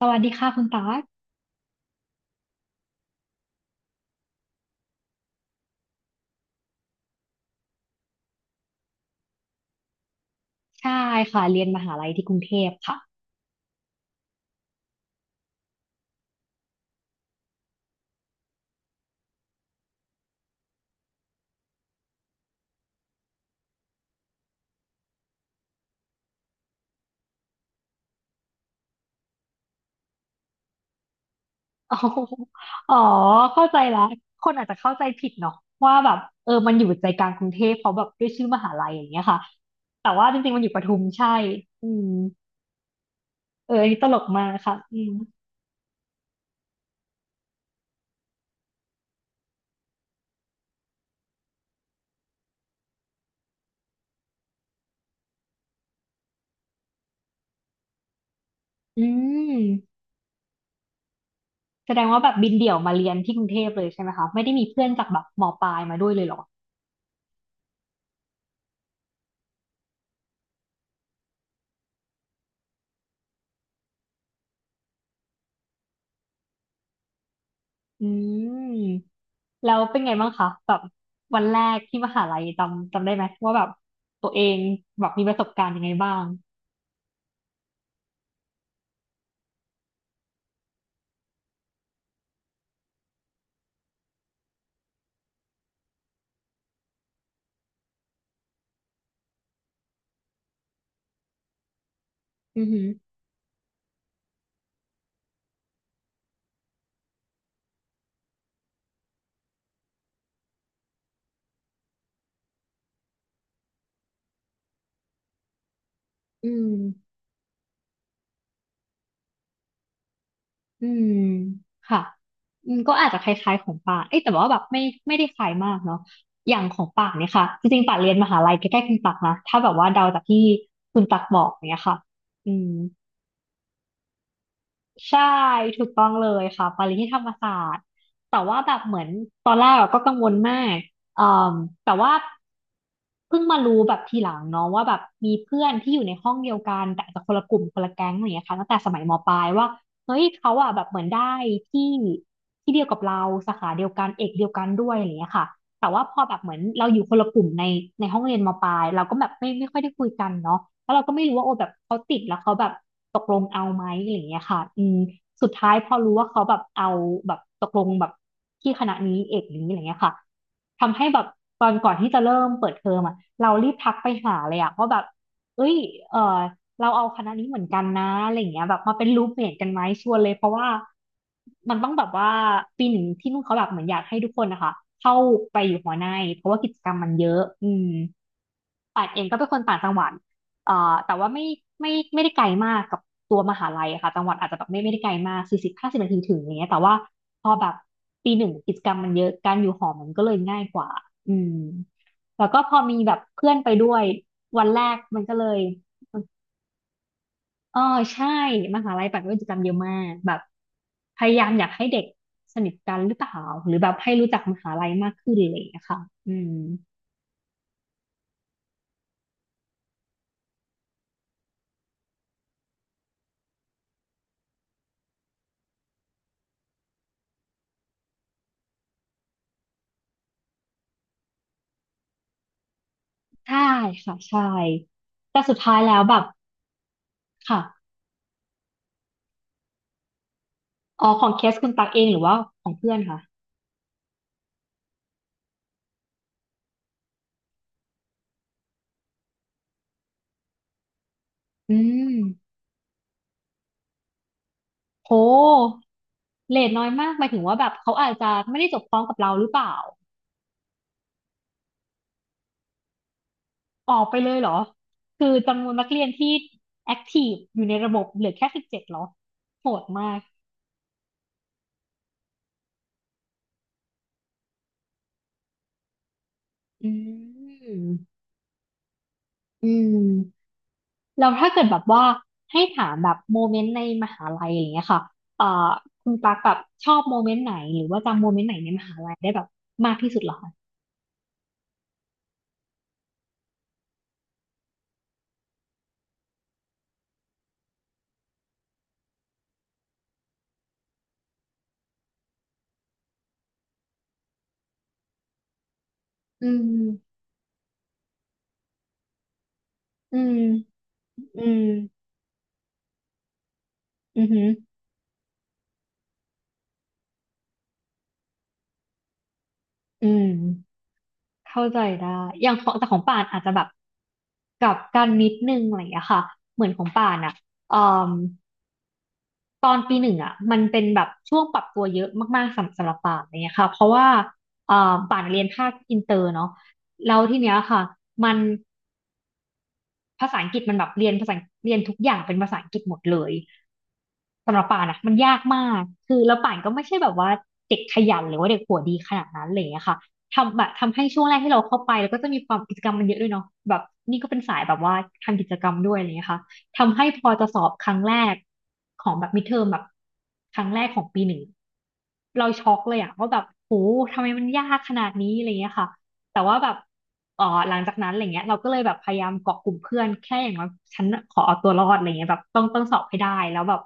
สวัสดีค่ะคุณตาใช่ค่ะเรียนมหาลัยที่กรุงเทพค่ะ อ๋ออ๋อเข้าใจละคนอาจจะเข้าใจผิดเนาะว่าแบบเออมันอยู่ใจกลางกรุงเทพเพราะแบบด้วยชื่อมหาลัยอย่างเงี้ยค่ะแต่ว่าจริงๆมันอยู่ปทุมใช่อืมเอออันนี้ตลกมากค่ะอืมอืมแสดงว่าแบบบินเดี่ยวมาเรียนที่กรุงเทพเลยใช่ไหมคะไม่ได้มีเพื่อนจากแบบมปลายมาด้วยเลยเหรอ อืมแล้วเป็นไงบ้างคะแบบวันแรกที่มหาลัยจำได้ไหมว่าแบบตัวเองแบบมีประสบการณ์ยังไงบ้างอือหืออืมอืมค่ะอืมก็อาจจะคล้ายๆของป่านเอ้ยแต่ว่าแบบไม่ได้คล้ายมากเนาะอย่างของป่านเนี่ยค่ะจริงๆป่านเรียนมหาลัยใกล้ๆคุณตักนะถ้าแบบว่าเดาจากที่คุณตักบอกเนี่ยค่ะอืม ใช่ถูกต้องเลยค่ะไปเรียนที่ธรรมศาสตร์แต่ว่าแบบเหมือนตอนแรกอะก็กังวลมากอ่มแต่ว่าเพิ่งมารู้แบบทีหลังเนาะว่าแบบมีเพื่อนที่อยู่ในห้องเดียวกันแต่อาจจะคนละกลุ่มคนละแก๊งอะไรอย่างเงี้ยค่ะตั้งแต่สมัยมปลายว่าเฮ้ยเขาอะแบบเหมือนได้ที่ที่เดียวกับเราสาขาเดียวกันเอกเดียวกันด้วยอะไรอย่างเงี้ยค่ะ แต่ว่าพอแบบเหมือนเราอยู่คนละกลุ่มในห้องเรียนมปลายเราก็แบบไม่ค่อยได้คุยกันเนาะแล้วเราก็ไม่รู้ว่าโอ้แบบเขาติดแล้วเขาแบบตกลงเอาไหมอะไรอย่างเงี้ยค่ะอืมสุดท้ายพอรู้ว่าเขาแบบเอาแบบตกลงแบบที่คณะนี้เอกนี้อะไรเงี้ยค่ะทำให้แบบตอนก่อนที่จะเริ่มเปิดเทอมอะเรารีบทักไปหาเลยอะว่าแบบเอ้ยเออ เราเอาคณะนี้เหมือนกันนะอะไรอย่างเงี้ยแบบมาเป็นรูมเมทกันไหมชวนเลยเพราะว่ามันต้องแบบว่าปีหนึ่งที่นู่นเขาแบบเหมือนอยากให้ทุกคนนะคะเข้าไปอยู่หอในเพราะว่ากิจกรรมมันเยอะอืมป่านเองก็เป็นคนต่างจังหวัดเอ่อแต่ว่าไม่ได้ไกลมากกับตัวมหาลัยอะค่ะจังหวัดอาจจะแบบไม่ได้ไกลมากสี่สิบห้าสิบนาทีถึงอย่างเงี้ยแต่ว่าพอแบบปีหนึ่งกิจกรรมมันเยอะการอยู่หอมันก็เลยง่ายกว่าอืมแล้วก็พอมีแบบเพื่อนไปด้วยวันแรกมันก็เลย เออใช่มหาลัยปัดกิจกรรมเยอะมากแบบพยายามอยากให้เด็กสนิทกันหรือเปล่าหรือแบบให้รู้จักมหาลัยมากขึ้นอะไรอย่างเลยค่ะอืมใช่ค่ะใช่แต่สุดท้ายแล้วแบบค่ะอ๋อของเคสคุณตักเองหรือว่าของเพื่อนค่ะอืมโหเรทน้อยมากหมายถึงว่าแบบเขาอาจจะไม่ได้จบพร้อมกับเราหรือเปล่าออกไปเลยเหรอคือจำนวนนักเรียนที่แอคทีฟอยู่ในระบบเหลือแค่สิบเจ็ดเหรอโหดมากอืม อืมแล้วถ้าเกิดแบบว่าให้ถามแบบโมเมนต์ในมหาลัยอย่างเงี้ยค่ะเอ่อคุณปากแบบชอบโมเมนต์ไหนหรือว่าจำโมเมนต์ไหนในมหาลัยได้แบบมากที่สุดเหรอคะอืมอืมอืมอือหืออืมเข้าใจได้อย่างของแต่ของป่านอาจจะแบบกลับกันนิดนึงอะไรอย่างเงี้ยค่ะเหมือนของป่านอ่ะ ตอนปีหนึ่งอ่ะมันเป็นแบบช่วงปรับตัวเยอะมากๆสำหรับป่านอะไรเงี้ยค่ะเพราะว่าป่านเรียนภาคอินเตอร์เนาะแล้วทีเนี้ยค่ะมัน ภาษาอังกฤษมันแบบเรียนภาษาเรียนทุกอย่างเป็นภาษาอังกฤษหมดเลยสำหรับป่านอะมันยากมากคือแล้วป่านก็ไม่ใช่แบบว่าเด็กขยันหรือว่าเด็กหัวดีขนาดนั้นอะไรอย่างเลยอะค่ะทำแบบทำให้ช่วงแรกที่เราเข้าไปแล้วก็จะมีความกิจกรรมมันเยอะด้วยเนาะแบบนี่ก็เป็นสายแบบว่าทำกิจกรรมด้วยอะไรอย่างเงี้ยค่ะทำให้พอจะสอบครั้งแรกของแบบมิดเทอมแบบครั้งแรกของปีหนึ่งเราช็อกเลยอะว่าแบบโหทำไมมันยากขนาดนี้อะไรอย่างเงี้ยค่ะแต่ว่าแบบ หลังจากนั้นอะไรเงี้ยเราก็เลยแบบพยายามเกาะกลุ่มเพื่อนแค่อย่างน้อยฉันขอเอาตัวรอดอะไรเงี้ยแบบต้องสอบให้ได้แล้วแบบ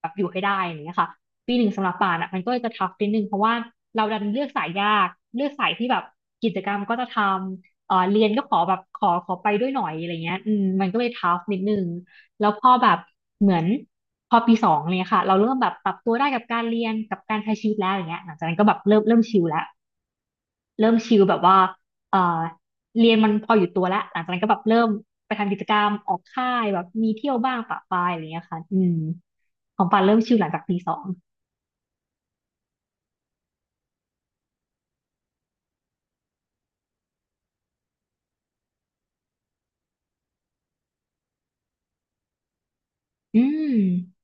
แบบอยู่ให้ได้อะไรเงี้ยค่ะปีหนึ่งสำหรับป่านอ่ะมันก็จะทัฟนิดนึงเพราะว่าเราดันเลือกสายยากเลือกสายที่แบบกิจกรรมก็จะทำเรียนก็ขอแบบขอไปด้วยหน่อยอะไรเงี้ยอืมมันก็เลยทัฟนิดนึงแล้วพอแบบเหมือนพอปีสองเนี่ยค่ะเราเริ่มแบบปรับตัวได้กับการเรียนกับการใช้ชีวิตแล้วอย่างเงี้ยหลังจากนั้นก็แบบเริ่มชิลแล้ว เริ่มชิลแบบว่าเอ่อเรียนมันพออยู่ตัวแล้ว หลังจากนั้นก็แบบเริ่มไปทำกิจกรรมออกค่ายแบบมีเที่ยวบ้างปะปายอะไรเงี้ยค่ะอืมของปานเริ่มชิลหลังจากปีสองอืม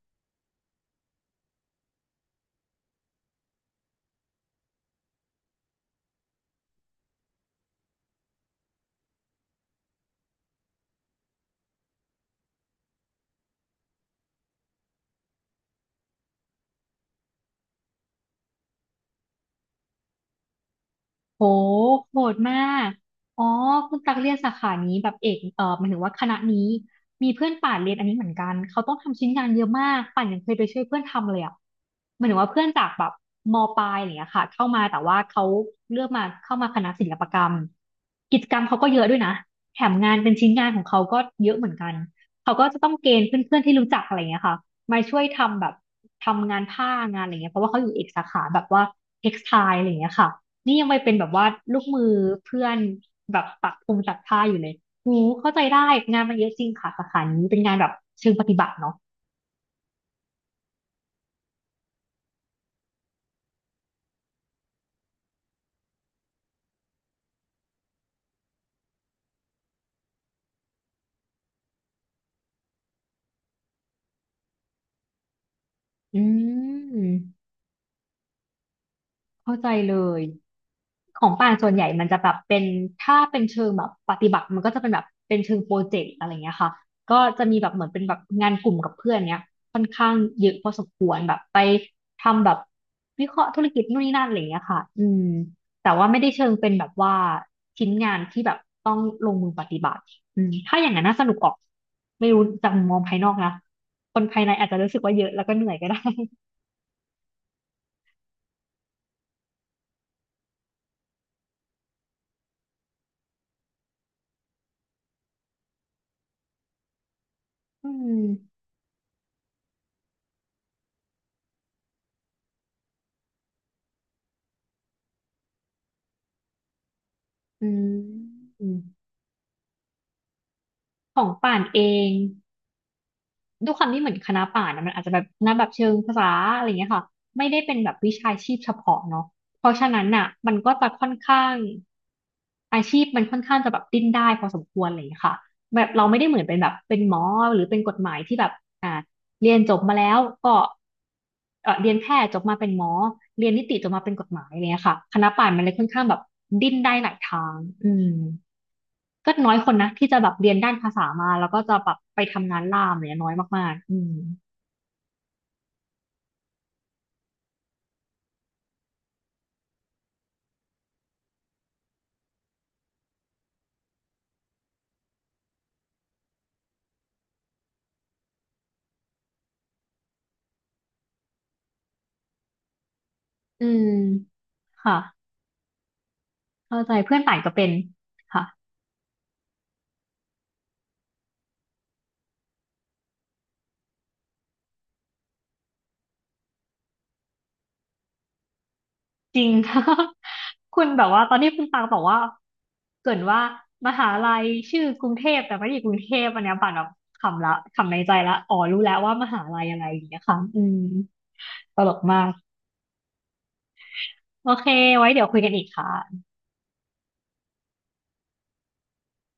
โหโหดมากอ๋อคุณตักเรียนสาขานี้แบบเอกหมายถึงว่าคณะนี้มีเพื่อนป่านเรียนอันนี้เหมือนกันเขาต้องทำชิ้นงานเยอะมากป่านยังเคยไปช่วยเพื่อนทำเลยอ่ะหมายถึงว่าเพื่อนจากแบบมปลายอะไรอย่างเงี้ยค่ะเข้ามาแต่ว่าเขาเลือกมาเข้ามาคณะศิลปกรรมกิจกรรมเขาก็เยอะด้วยนะแถมงานเป็นชิ้นงานของเขาก็เยอะเหมือนกันเขาก็จะต้องเกณฑ์เพื่อนๆที่รู้จักอะไรอย่างเงี้ยค่ะมาช่วยทำแบบทำงานผ้างานอะไรเงี้ยเพราะว่าเขาอยู่เอกสาขาแบบว่าเท็กซ์ไทล์อะไรงเงี้ยค่ะ นี่ยังไปเป็นแบบว่าลูกมือเพื่อนแบบปักธงตักผ้าอยู่เลยหูเข้าใจได้งานมันเยอะจริงค่ะสาขานี้เป็นงานแบบเชิงปฏิบัติเนาะอืมเข้าใจเลย ของป่านส่วนใหญ่มันจะแบบเป็นถ้าเป็นเชิงแบบปฏิบัติมันก็จะเป็นแบบเป็นเชิงโปรเจกต์อะไรเงี้ยค่ะก็จะมีแบบเหมือนเป็นแบบงานกลุ่มกับเพื่อนเนี้ยค่อนข้างเยอะพอสมควรแบบไปทำแบบวิเคราะห์ธุรกิจนู่นนี่นั่นอะไรเงี้ยค่ะอืมแต่ว่าไม่ได้เชิงเป็นแบบว่าชิ้นงานที่แบบต้องลงมือปฏิบัติอืมถ้าอย่างนั้นน่าสนุกออกไม่รู้จากมุมมองภายนอกนะคนภายในอาจจะรู้สึกว่าเยอะแล้วก็เหนื่อยก็ได้ อืมอืมของป่านเอง ด้วยความที่เหมือนคณะป่านะมันอาจจะแบบคณะแบบเชิงภาษาอะไรเงี้ยค่ะไม่ได้เป็นแบบวิชาชีพเฉพาะเนาะเพราะฉะนั้นน่ะมันก็จะค่อนข้างอาชีพมันค่อนข้างจะแบบดิ้นได้พอสมควรอะไรยเงี้ยค่ะแบบเราไม่ได้เหมือนเป็นแบบเป็นหมอหรือเป็นกฎหมายที่แบบอ่าเรียนจบมาแล้วก็เรียนแพทย์จบมาเป็นหมอเรียนนิติจบมาเป็นกฎหมายอะไรเงี้ยค่ะคณะป่านมันเลยค่อนข้างแบบดิ้นได้หลายทางอืมก็น้อยคนนะที่จะแบบเรียนด้านภาษามาแล้วก็จะแบบไปทำงานล่ามเนี่ยน้อยมากๆอืม อืมค่ะเข้าใจเพื่อนต่างก็เป็นค่ะจริง คุณแบบว่าตอนนี้คุณตังบอกว่าเกรินว่ามหาลัยชื่อกรุงเทพแต่ไม่ได้อยู่กรุงเทพอันเนี้ยป่านแบบขำละขำในใจละอ๋อรู้แล้วว่ามหาลัยอะไรอย่างเงี้ยค่ะอืมตลกมากโอเคไว้เดี๋ยวคุยกันอีกค่ะ